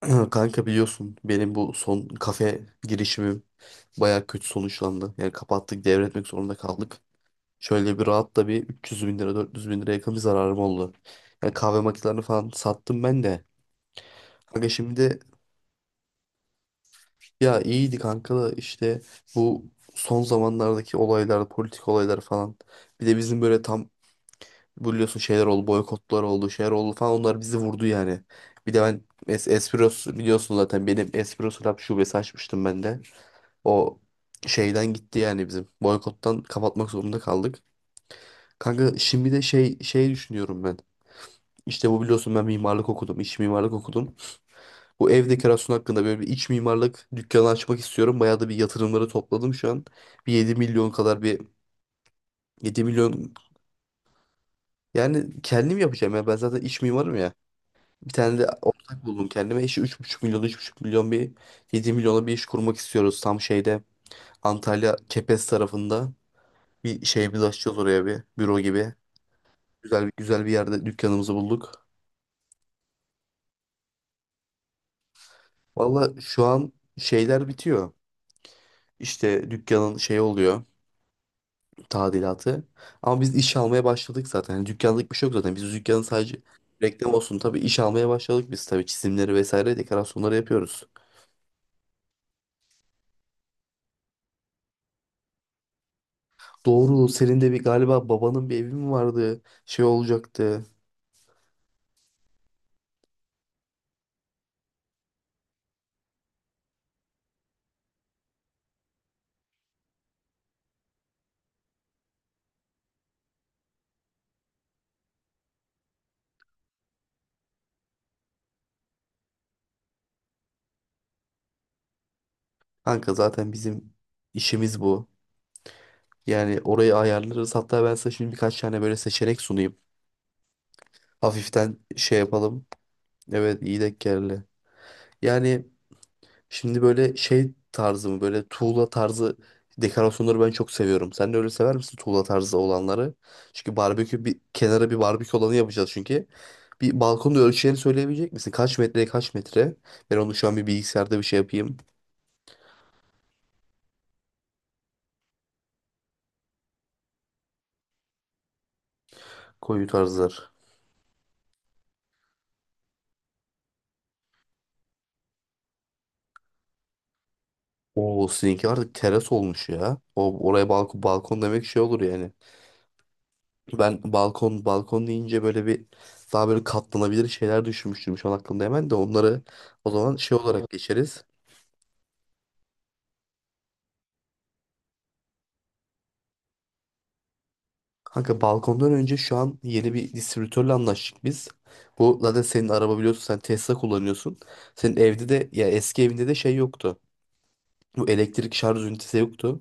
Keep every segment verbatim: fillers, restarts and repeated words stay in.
Kanka biliyorsun benim bu son kafe girişimim bayağı kötü sonuçlandı. Yani kapattık, devretmek zorunda kaldık. Şöyle bir rahat da bir 300 bin lira, 400 bin lira yakın bir zararım oldu. Yani kahve makinelerini falan sattım ben de. Kanka şimdi, ya iyiydi kanka da işte bu son zamanlardaki olaylar, politik olaylar falan. Bir de bizim böyle tam, biliyorsun şeyler oldu, boykotlar oldu, şeyler oldu falan, onlar bizi vurdu yani. Bir de ben Es Espresso biliyorsun, zaten benim Espresso Lab şubesi açmıştım ben de. O şeyden gitti yani bizim. Boykottan kapatmak zorunda kaldık. Kanka şimdi de şey şey düşünüyorum ben. İşte bu, biliyorsun ben mimarlık okudum, iç mimarlık okudum. Bu ev dekorasyonu hakkında böyle bir iç mimarlık dükkanı açmak istiyorum. Bayağı da bir yatırımları topladım şu an. Bir yedi milyon kadar bir yedi milyon yani kendim yapacağım ya. Ben zaten iç mimarım ya. Bir tane de ortak buldum kendime. İşte üç buçuk milyon, üç buçuk milyon, bir yedi milyona bir iş kurmak istiyoruz tam şeyde, Antalya Kepez tarafında. Bir şeyimizi açacağız oraya, bir büro gibi. Güzel bir güzel bir yerde dükkanımızı bulduk. Valla şu an şeyler bitiyor. İşte dükkanın şey oluyor, tadilatı. Ama biz iş almaya başladık zaten. Yani dükkanlık bir şey yok zaten. Biz dükkanın sadece reklam olsun, tabii iş almaya başladık biz, tabii çizimleri vesaire dekorasyonları yapıyoruz. Doğru, senin de bir galiba babanın bir evi mi vardı? Şey olacaktı. Kanka zaten bizim işimiz bu. Yani orayı ayarlarız. Hatta ben size şimdi birkaç tane böyle seçenek sunayım. Hafiften şey yapalım. Evet, iyi denk geldi. Yani şimdi böyle şey tarzı mı, böyle tuğla tarzı dekorasyonları ben çok seviyorum. Sen de öyle sever misin tuğla tarzı olanları? Çünkü barbekü, bir kenara bir barbekü olanı yapacağız çünkü. Bir balkonda ölçülerini söyleyebilecek misin? Kaç metreye kaç metre? Ben onu şu an bir bilgisayarda bir şey yapayım. Koyu tarzlar. Oo, sizinki artık teras olmuş ya. O oraya balkon balkon demek şey olur yani. Ben balkon balkon deyince böyle bir, daha böyle katlanabilir şeyler düşünmüştüm şu an aklımda hemen de onları, o zaman şey olarak geçeriz. Kanka balkondan önce şu an yeni bir distribütörle anlaştık biz. Bu zaten senin araba, biliyorsun sen Tesla kullanıyorsun. Senin evde de, ya eski evinde de şey yoktu. Bu elektrik şarj ünitesi yoktu.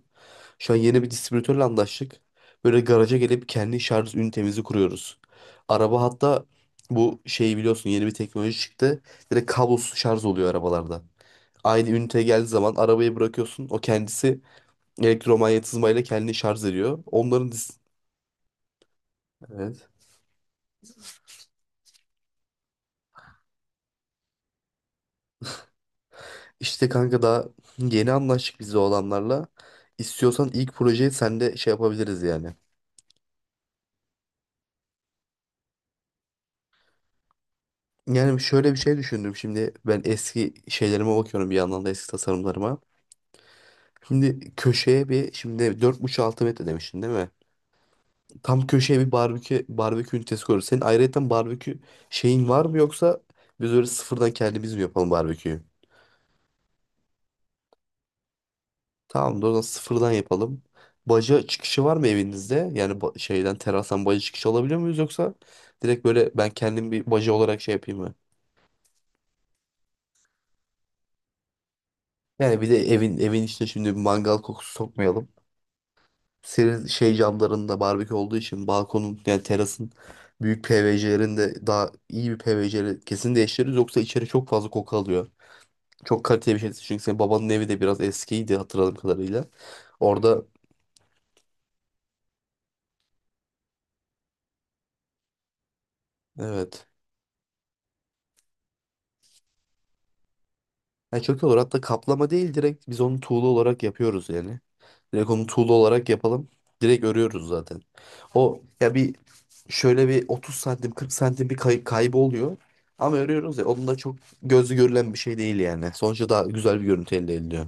Şu an yeni bir distribütörle anlaştık. Böyle garaja gelip kendi şarj ünitemizi kuruyoruz. Araba hatta bu şeyi biliyorsun, yeni bir teknoloji çıktı. Direkt kablosuz şarj oluyor arabalarda. Aynı üniteye geldiği zaman arabayı bırakıyorsun. O kendisi elektromanyetizmayla kendini şarj ediyor. Onların dis- Evet. İşte kanka daha yeni anlaştık biz de o adamlarla. İstiyorsan ilk projeyi sen de şey yapabiliriz yani. Yani şöyle bir şey düşündüm şimdi, ben eski şeylerime bakıyorum bir yandan da, eski tasarımlarıma. Şimdi köşeye bir, şimdi dört buçuk altı metre demiştin değil mi? Tam köşeye bir barbekü barbekü ünitesi koyuyoruz. Senin ayrıyeten barbekü şeyin var mı, yoksa biz öyle sıfırdan kendimiz mi yapalım barbeküyü? Tamam da o zaman sıfırdan yapalım. Baca çıkışı var mı evinizde? Yani ba- şeyden terastan baca çıkışı alabiliyor muyuz, yoksa direkt böyle ben kendim bir baca olarak şey yapayım mı? Yani bir de evin evin içine şimdi bir mangal kokusu sokmayalım. Senin şey camlarında barbekü olduğu için balkonun, yani terasın büyük P V C'lerinde, daha iyi bir P V C'leri kesin değiştiririz, yoksa içeri çok fazla koku alıyor. Çok kaliteli bir şey değil, çünkü senin babanın evi de biraz eskiydi hatırladığım kadarıyla. Orada, evet. Yani çok iyi olur. Hatta kaplama değil, direkt biz onu tuğla olarak yapıyoruz yani. Direkt onu tuğla olarak yapalım. Direkt örüyoruz zaten. O ya bir, şöyle bir otuz santim, kırk santim bir kay kaybı oluyor. Ama örüyoruz ya, onun da çok gözü görülen bir şey değil yani. Sonuçta daha güzel bir görüntü elde ediliyor.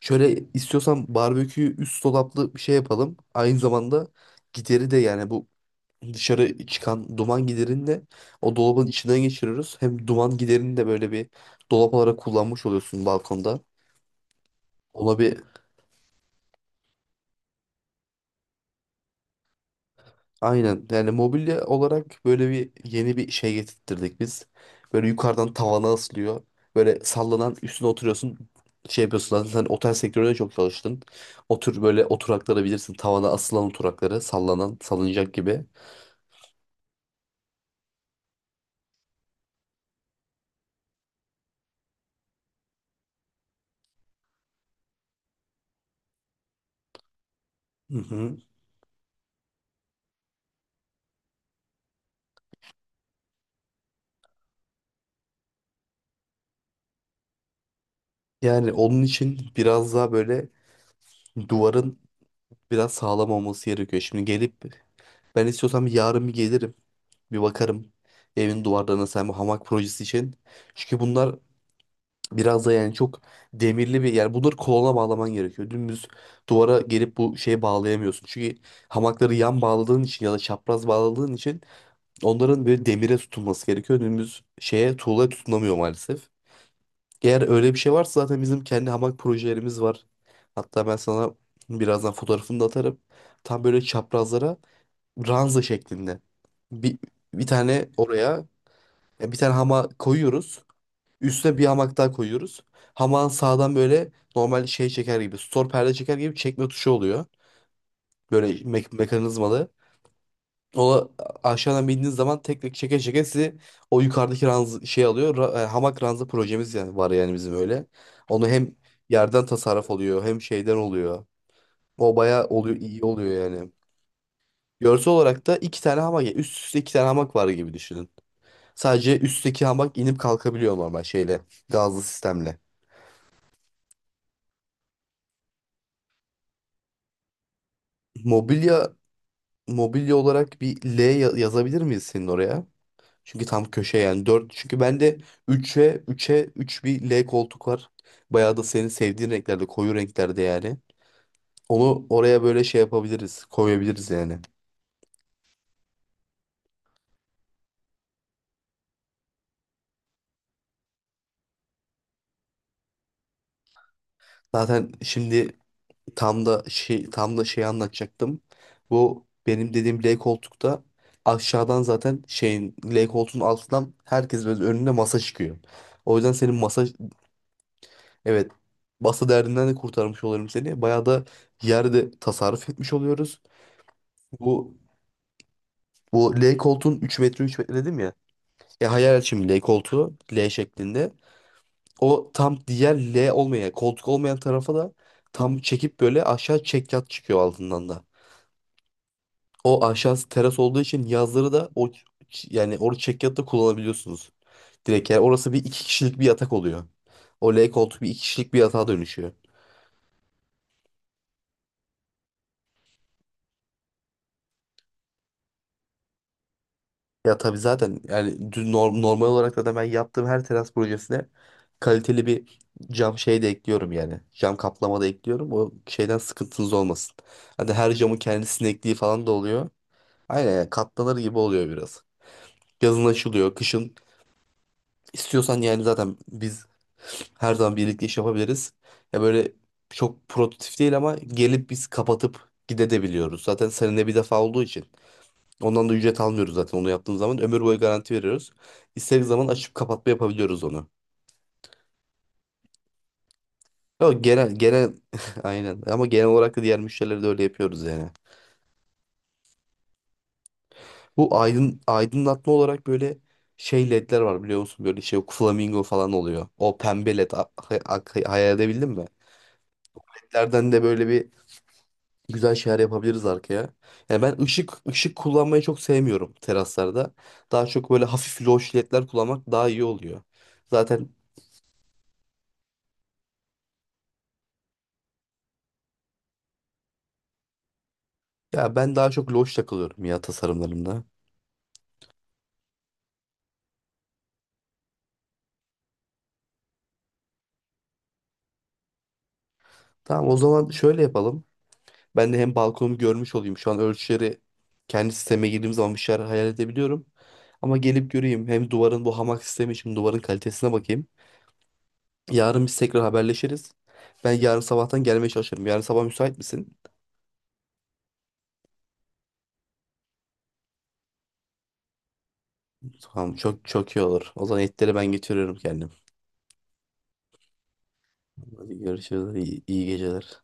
Şöyle istiyorsan barbekü üst dolaplı bir şey yapalım. Aynı zamanda gideri de, yani bu dışarı çıkan duman giderini de o dolabın içinden geçiriyoruz. Hem duman giderini de böyle bir dolap olarak kullanmış oluyorsun balkonda. Ona bir, aynen yani mobilya olarak böyle bir yeni bir şey getirttirdik biz. Böyle yukarıdan tavana asılıyor. Böyle sallanan, üstüne oturuyorsun. Şey yapıyorsun zaten, sen otel sektöründe çok çalıştın. Otur böyle oturakları bilirsin. Tavana asılan oturakları, sallanan salıncak gibi. Hı hı. Yani onun için biraz daha böyle duvarın biraz sağlam olması gerekiyor. Şimdi gelip, ben istiyorsam yarın bir gelirim. Bir bakarım evin duvarlarına, sen bu hamak projesi için. Çünkü bunlar biraz da yani çok demirli bir, yani bunları kolona bağlaman gerekiyor. Dümdüz duvara gelip bu şeyi bağlayamıyorsun. Çünkü hamakları yan bağladığın için ya da çapraz bağladığın için, onların böyle demire tutunması gerekiyor. Dümdüz şeye, tuğlaya tutunamıyor maalesef. Eğer öyle bir şey varsa zaten bizim kendi hamak projelerimiz var. Hatta ben sana birazdan fotoğrafını da atarım. Tam böyle çaprazlara ranza şeklinde. Bir, bir tane oraya e, bir tane hamak koyuyoruz. Üstüne bir hamak daha koyuyoruz. Hamağın sağdan böyle normal şey çeker gibi, stor perde çeker gibi çekme tuşu oluyor. Böyle me- mekanizmalı. O aşağıdan bindiğiniz zaman tek tek çeke çeke sizi o yukarıdaki ranz şey alıyor. Ra- e, hamak ranza projemiz yani var yani bizim öyle. Onu hem yerden tasarruf oluyor, hem şeyden oluyor. O bayağı oluyor, iyi oluyor yani. Görsel olarak da iki tane hamak, üst üste iki tane hamak var gibi düşünün. Sadece üstteki hamak inip kalkabiliyor, normal şeyle, gazlı sistemle. Mobilya mobilya olarak bir L ya- yazabilir miyiz senin oraya? Çünkü tam köşe, yani dört. Çünkü bende üçe üçe üç bir L koltuk var. Bayağı da senin sevdiğin renklerde, koyu renklerde yani. Onu oraya böyle şey yapabiliriz, koyabiliriz yani. Zaten şimdi, tam da şey tam da şey anlatacaktım. Bu benim dediğim L koltukta, aşağıdan zaten şeyin L koltuğun altından herkes böyle önünde masa çıkıyor. O yüzden senin masa, evet, masa derdinden de kurtarmış olurum seni. Bayağı da yerde tasarruf etmiş oluyoruz. Bu Bu L koltuğun üç metre üç metre dedim ya. E hayal et şimdi L koltuğu L şeklinde. O tam diğer L olmayan, koltuk olmayan tarafa da tam çekip böyle aşağı çekyat çıkıyor altından da. O aşağısı teras olduğu için yazları da o ç- yani orada çekyat da kullanabiliyorsunuz. Direkt yani orası bir iki kişilik bir yatak oluyor. O L koltuk bir iki kişilik bir yatağa dönüşüyor. Ya tabii, zaten yani düz norm- normal olarak da ben yaptığım her teras projesine kaliteli bir cam şey de ekliyorum yani. Cam kaplama da ekliyorum. O şeyden sıkıntınız olmasın. Hadi, her camın kendi sinekliği falan da oluyor. Aynen, yani katlanır gibi oluyor biraz. Yazın açılıyor, kışın istiyorsan yani, zaten biz her zaman birlikte iş yapabiliriz. Ya böyle çok prototip değil ama gelip biz kapatıp gidebiliyoruz. Zaten seninle bir defa olduğu için. Ondan da ücret almıyoruz zaten onu yaptığımız zaman. Ömür boyu garanti veriyoruz. İstediğimiz zaman açıp kapatma yapabiliyoruz onu. Ama genel, genel aynen, ama genel olarak da diğer müşterileri de öyle yapıyoruz yani. Bu aydın, aydınlatma olarak böyle şey ledler var biliyor musun? Böyle şey flamingo falan oluyor. O pembe led a- hay- hay- hayal edebildin mi? Ledlerden de böyle bir güzel şeyler yapabiliriz arkaya. Yani ben ışık ışık kullanmayı çok sevmiyorum teraslarda. Daha çok böyle hafif loş ledler kullanmak daha iyi oluyor. Zaten. Ya ben daha çok loş takılıyorum ya tasarımlarımda. Tamam, o zaman şöyle yapalım. Ben de hem balkonumu görmüş olayım. Şu an ölçüleri kendi sisteme girdiğim zaman bir şeyler hayal edebiliyorum. Ama gelip göreyim. Hem duvarın, bu hamak sistemi için duvarın kalitesine bakayım. Yarın biz tekrar haberleşiriz. Ben yarın sabahtan gelmeye çalışırım. Yarın sabah müsait misin? Tamam, çok çok iyi olur. O zaman etleri ben getiriyorum kendim. Hadi görüşürüz. İyi, iyi geceler.